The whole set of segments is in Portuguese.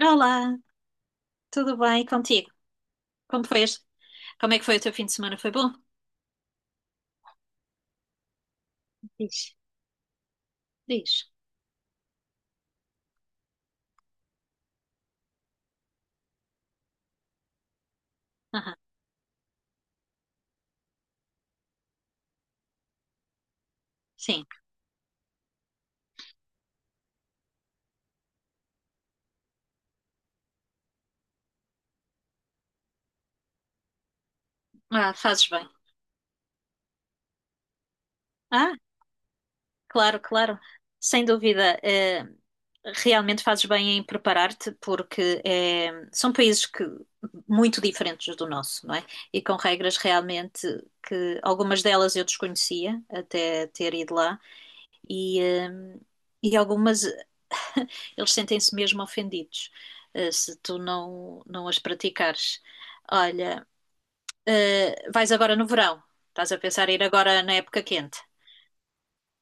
Olá, tudo bem? E contigo? Como fez? Como é que foi o teu fim de semana? Foi bom? Diz, diz. Aham. Sim. Ah, fazes bem. Ah, claro, claro. Sem dúvida, realmente fazes bem em preparar-te, porque são países que muito diferentes do nosso, não é? E com regras realmente que algumas delas eu desconhecia até ter ido lá e, eh, e algumas. Eles sentem-se mesmo ofendidos, se tu não as praticares. Olha, vais agora no verão, estás a pensar em ir agora na época quente.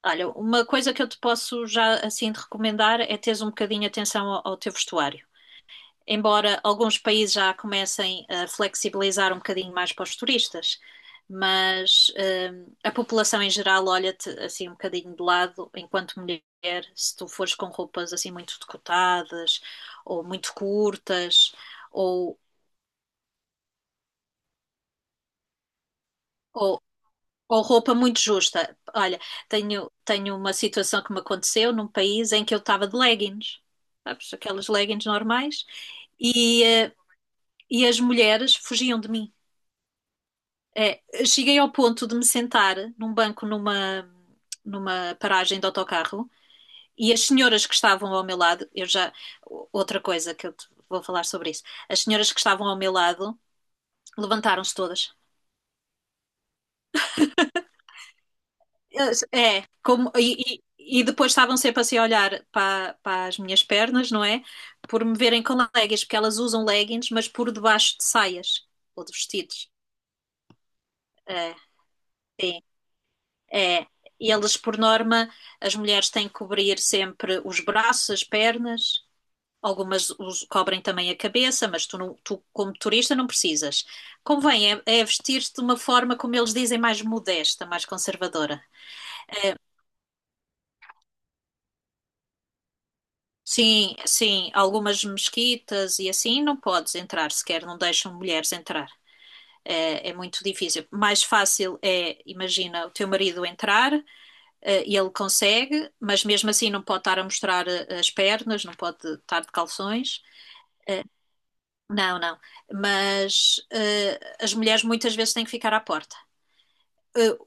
Olha, uma coisa que eu te posso já assim te recomendar é teres um bocadinho atenção ao teu vestuário, embora alguns países já comecem a flexibilizar um bocadinho mais para os turistas, mas a população em geral olha-te assim um bocadinho de lado enquanto mulher, se tu fores com roupas assim muito decotadas ou muito curtas ou, ou, ou roupa muito justa. Olha, tenho uma situação que me aconteceu num país em que eu estava de leggings, sabes, aquelas leggings normais, e, eh, e as mulheres fugiam de mim. É, cheguei ao ponto de me sentar num banco numa paragem de autocarro e as senhoras que estavam ao meu lado, eu já. Outra coisa que eu te vou falar sobre isso. As senhoras que estavam ao meu lado levantaram-se todas. É, como, e depois estavam sempre assim a olhar para as minhas pernas, não é? Por me verem com leggings, porque elas usam leggings, mas por debaixo de saias ou de vestidos. É. É. E elas, por norma, as mulheres têm que cobrir sempre os braços, as pernas, algumas cobrem também a cabeça, mas tu, como turista, não precisas. Convém é vestir-te de uma forma, como eles dizem, mais modesta, mais conservadora. Sim, sim, algumas mesquitas e assim não podes entrar sequer, não deixam mulheres entrar. É, é muito difícil. Mais fácil é, imagina, o teu marido entrar. E ele consegue, mas mesmo assim não pode estar a mostrar, as pernas, não pode estar de calções. Não, não. Mas as mulheres muitas vezes têm que ficar à porta. Eh,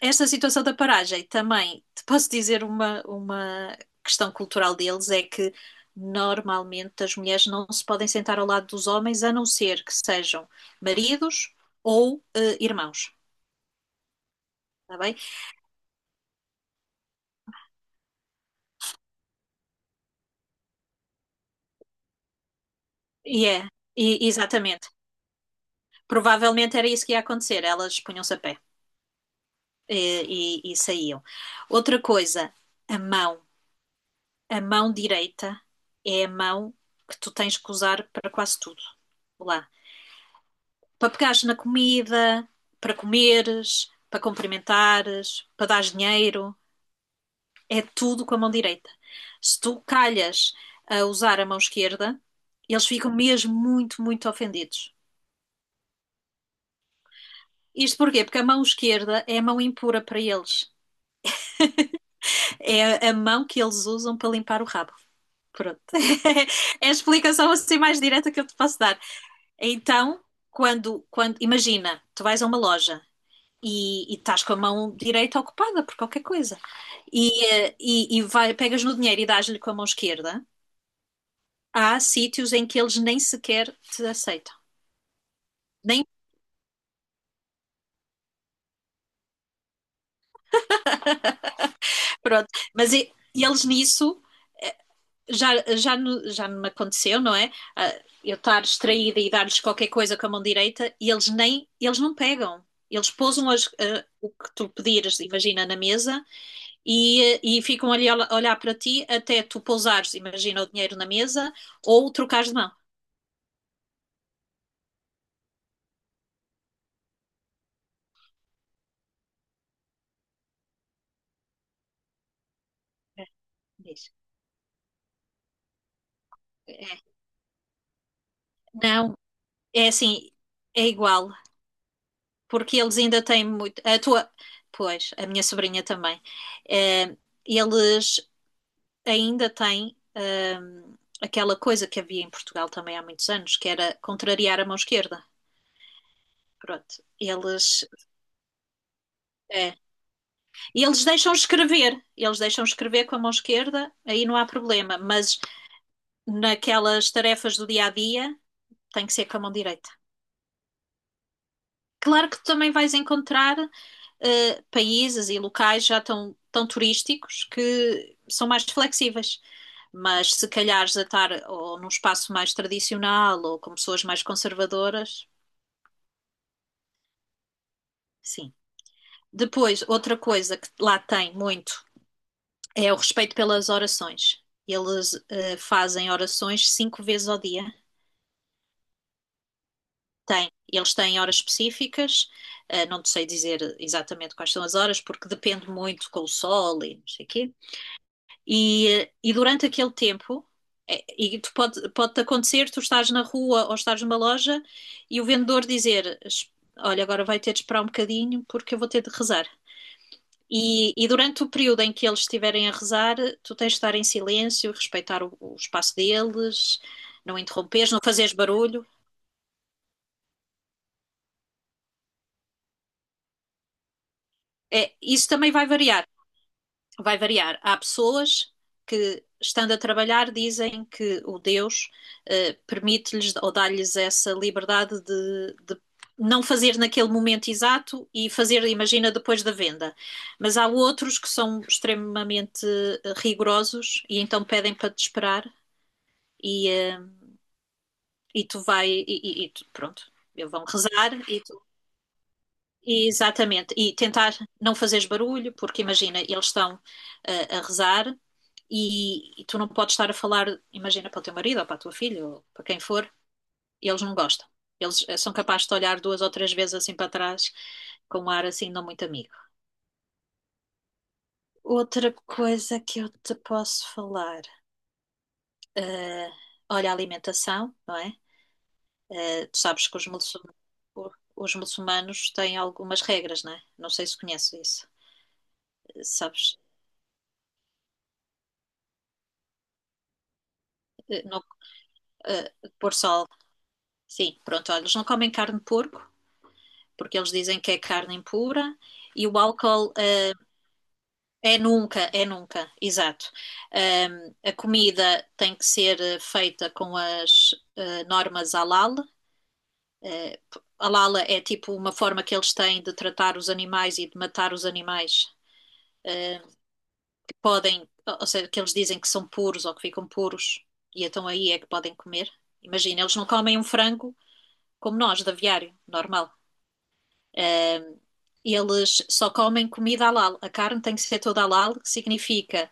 esta situação da paragem, também te posso dizer, uma questão cultural deles é que normalmente as mulheres não se podem sentar ao lado dos homens a não ser que sejam maridos ou irmãos, está bem? E é, exatamente. Provavelmente era isso que ia acontecer, elas punham-se a pé. E saíam. Outra coisa, a mão. A mão direita é a mão que tu tens que usar para quase tudo. Lá. Para pegares na comida, para comeres, para cumprimentares, para dar dinheiro, é tudo com a mão direita. Se tu calhas a usar a mão esquerda, eles ficam mesmo muito, muito ofendidos. Isto porquê? Porque a mão esquerda é a mão impura para eles. É a mão que eles usam para limpar o rabo. Pronto. É a explicação assim mais direta que eu te posso dar. Então, quando imagina, tu vais a uma loja e estás com a mão direita ocupada por qualquer coisa e vai, pegas no dinheiro e dás-lhe com a mão esquerda, há sítios em que eles nem sequer te aceitam. Nem, pronto. Mas e eles, nisso já, já, já me aconteceu, não é? Ah, eu estar distraída e dar-lhes qualquer coisa com a mão direita e eles não pegam. Eles pousam o que tu pedires, imagina, na mesa e ficam ali a olhar para ti até tu pousares, imagina, o dinheiro na mesa ou trocares de mão. É, diz. É. Não, é assim, é igual, porque eles ainda têm muito. Pois, a minha sobrinha também. Eh, eles ainda tem aquela coisa que havia em Portugal também há muitos anos, que era contrariar a mão esquerda. Pronto, é. E eles deixam escrever com a mão esquerda, aí não há problema, mas naquelas tarefas do dia a dia tem que ser com a mão direita. Claro que tu também vais encontrar países e locais já tão, tão turísticos que são mais flexíveis. Mas se calhar a estar ou num espaço mais tradicional ou com pessoas mais conservadoras, sim. Depois, outra coisa que lá tem muito é o respeito pelas orações. Eles, fazem orações 5 vezes ao dia. Tem. Eles têm horas específicas, não te sei dizer exatamente quais são as horas, porque depende muito com o sol e não sei o quê. E durante aquele tempo, é, e tu pode acontecer, tu estás na rua ou estás numa loja e o vendedor dizer: Olha, agora vai ter de esperar um bocadinho porque eu vou ter de rezar." E durante o período em que eles estiverem a rezar, tu tens de estar em silêncio, respeitar o espaço deles, não interromperes, não fazeres barulho. É, isso também vai variar. Vai variar. Há pessoas que, estando a trabalhar, dizem que o Deus, permite-lhes ou dá-lhes essa liberdade de não fazer naquele momento exato e fazer, imagina, depois da venda. Mas há outros que são extremamente, rigorosos, e então pedem para te esperar e, eh, e tu vai e pronto. Eles vão rezar e tu. Exatamente, e tentar não fazeres barulho, porque imagina, eles estão, a rezar e tu não podes estar a falar, imagina, para o teu marido ou para a tua filha ou para quem for, eles não gostam. Eles, são capazes de olhar duas ou três vezes assim para trás, com um ar assim não muito amigo. Outra coisa que eu te posso falar, eh, olha, a alimentação, não é? Tu sabes que os muçulmanos têm algumas regras, não é? Não sei se conheces isso. Sabes? Não, pôr sol. Sim, pronto, olha, eles não comem carne de porco, porque eles dizem que é carne impura, e o álcool, é nunca, exato. A comida tem que ser, feita com as, normas halal. Uh, halal é tipo uma forma que eles têm de tratar os animais e de matar os animais uh, que podem, ou seja, que eles dizem que são puros ou que ficam puros e então aí é que podem comer. Imagina, eles não comem um frango como nós, de aviário, normal. Eles só comem comida halal. A carne tem que ser toda halal, que significa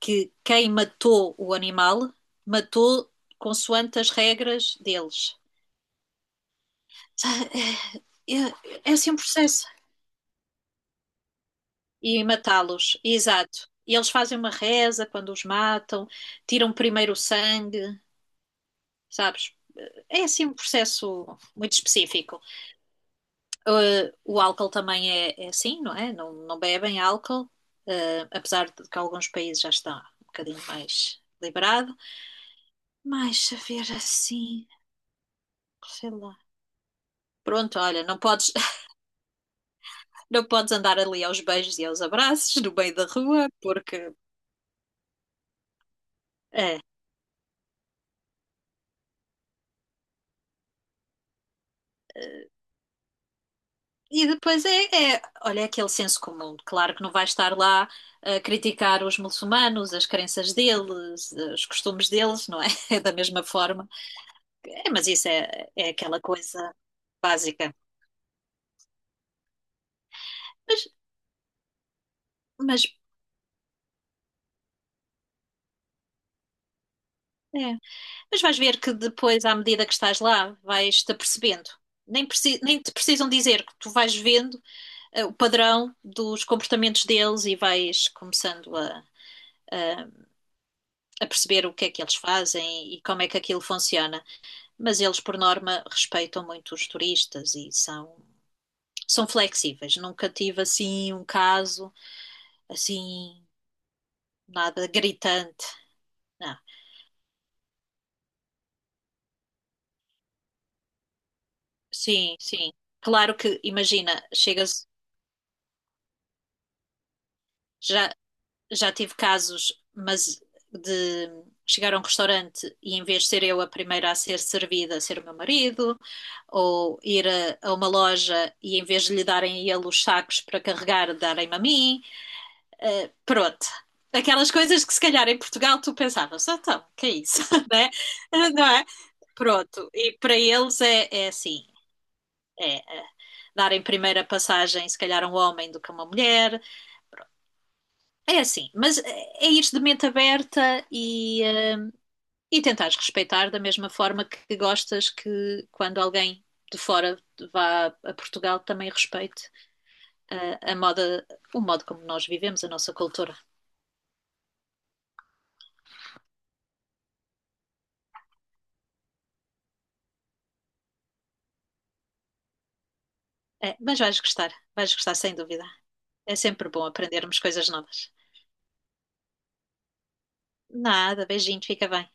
que quem matou o animal matou consoante as regras deles. É, é assim um processo. E matá-los, exato. E eles fazem uma reza quando os matam, tiram primeiro o sangue, sabes? É assim um processo muito específico. O álcool também é, é assim, não é? Não, não bebem álcool, apesar de que alguns países já está um bocadinho mais liberado. Mais saber assim, sei lá. Pronto, olha, não podes, não podes andar ali aos beijos e aos abraços no meio da rua, porque é. E depois olha, é aquele senso comum. Claro que não vais estar lá a criticar os muçulmanos, as crenças deles, os costumes deles, não é? É da mesma forma. É, mas isso é, é aquela coisa básica. Mas, mas, é. Mas vais ver que depois, à medida que estás lá, vais-te apercebendo. Nem te precisam dizer, que tu vais vendo o padrão dos comportamentos deles e vais começando a- a perceber o que é que eles fazem e como é que aquilo funciona. Mas eles, por norma, respeitam muito os turistas e são flexíveis. Nunca tive assim um caso assim, nada gritante. Não. Sim, sim. Claro que, imagina, chegas. Já, já tive casos, mas de chegar a um restaurante e em vez de ser eu a primeira a ser servida, ser o meu marido, ou ir a uma loja e em vez de lhe darem a ele os sacos para carregar, darem-me a mim, pronto. Aquelas coisas que se calhar em Portugal tu pensavas, ah, então, que é isso, né? Não é? Pronto, e para eles é, é assim, é darem primeira passagem, se calhar, a um homem do que a uma mulher, é assim, mas é é ir de mente aberta hum, e tentares respeitar da mesma forma que gostas que quando alguém de fora vá a Portugal também respeite a, moda, o modo como nós vivemos, a nossa cultura. É, mas vais gostar sem dúvida. É sempre bom aprendermos coisas novas. Nada, beijinho, fica bem.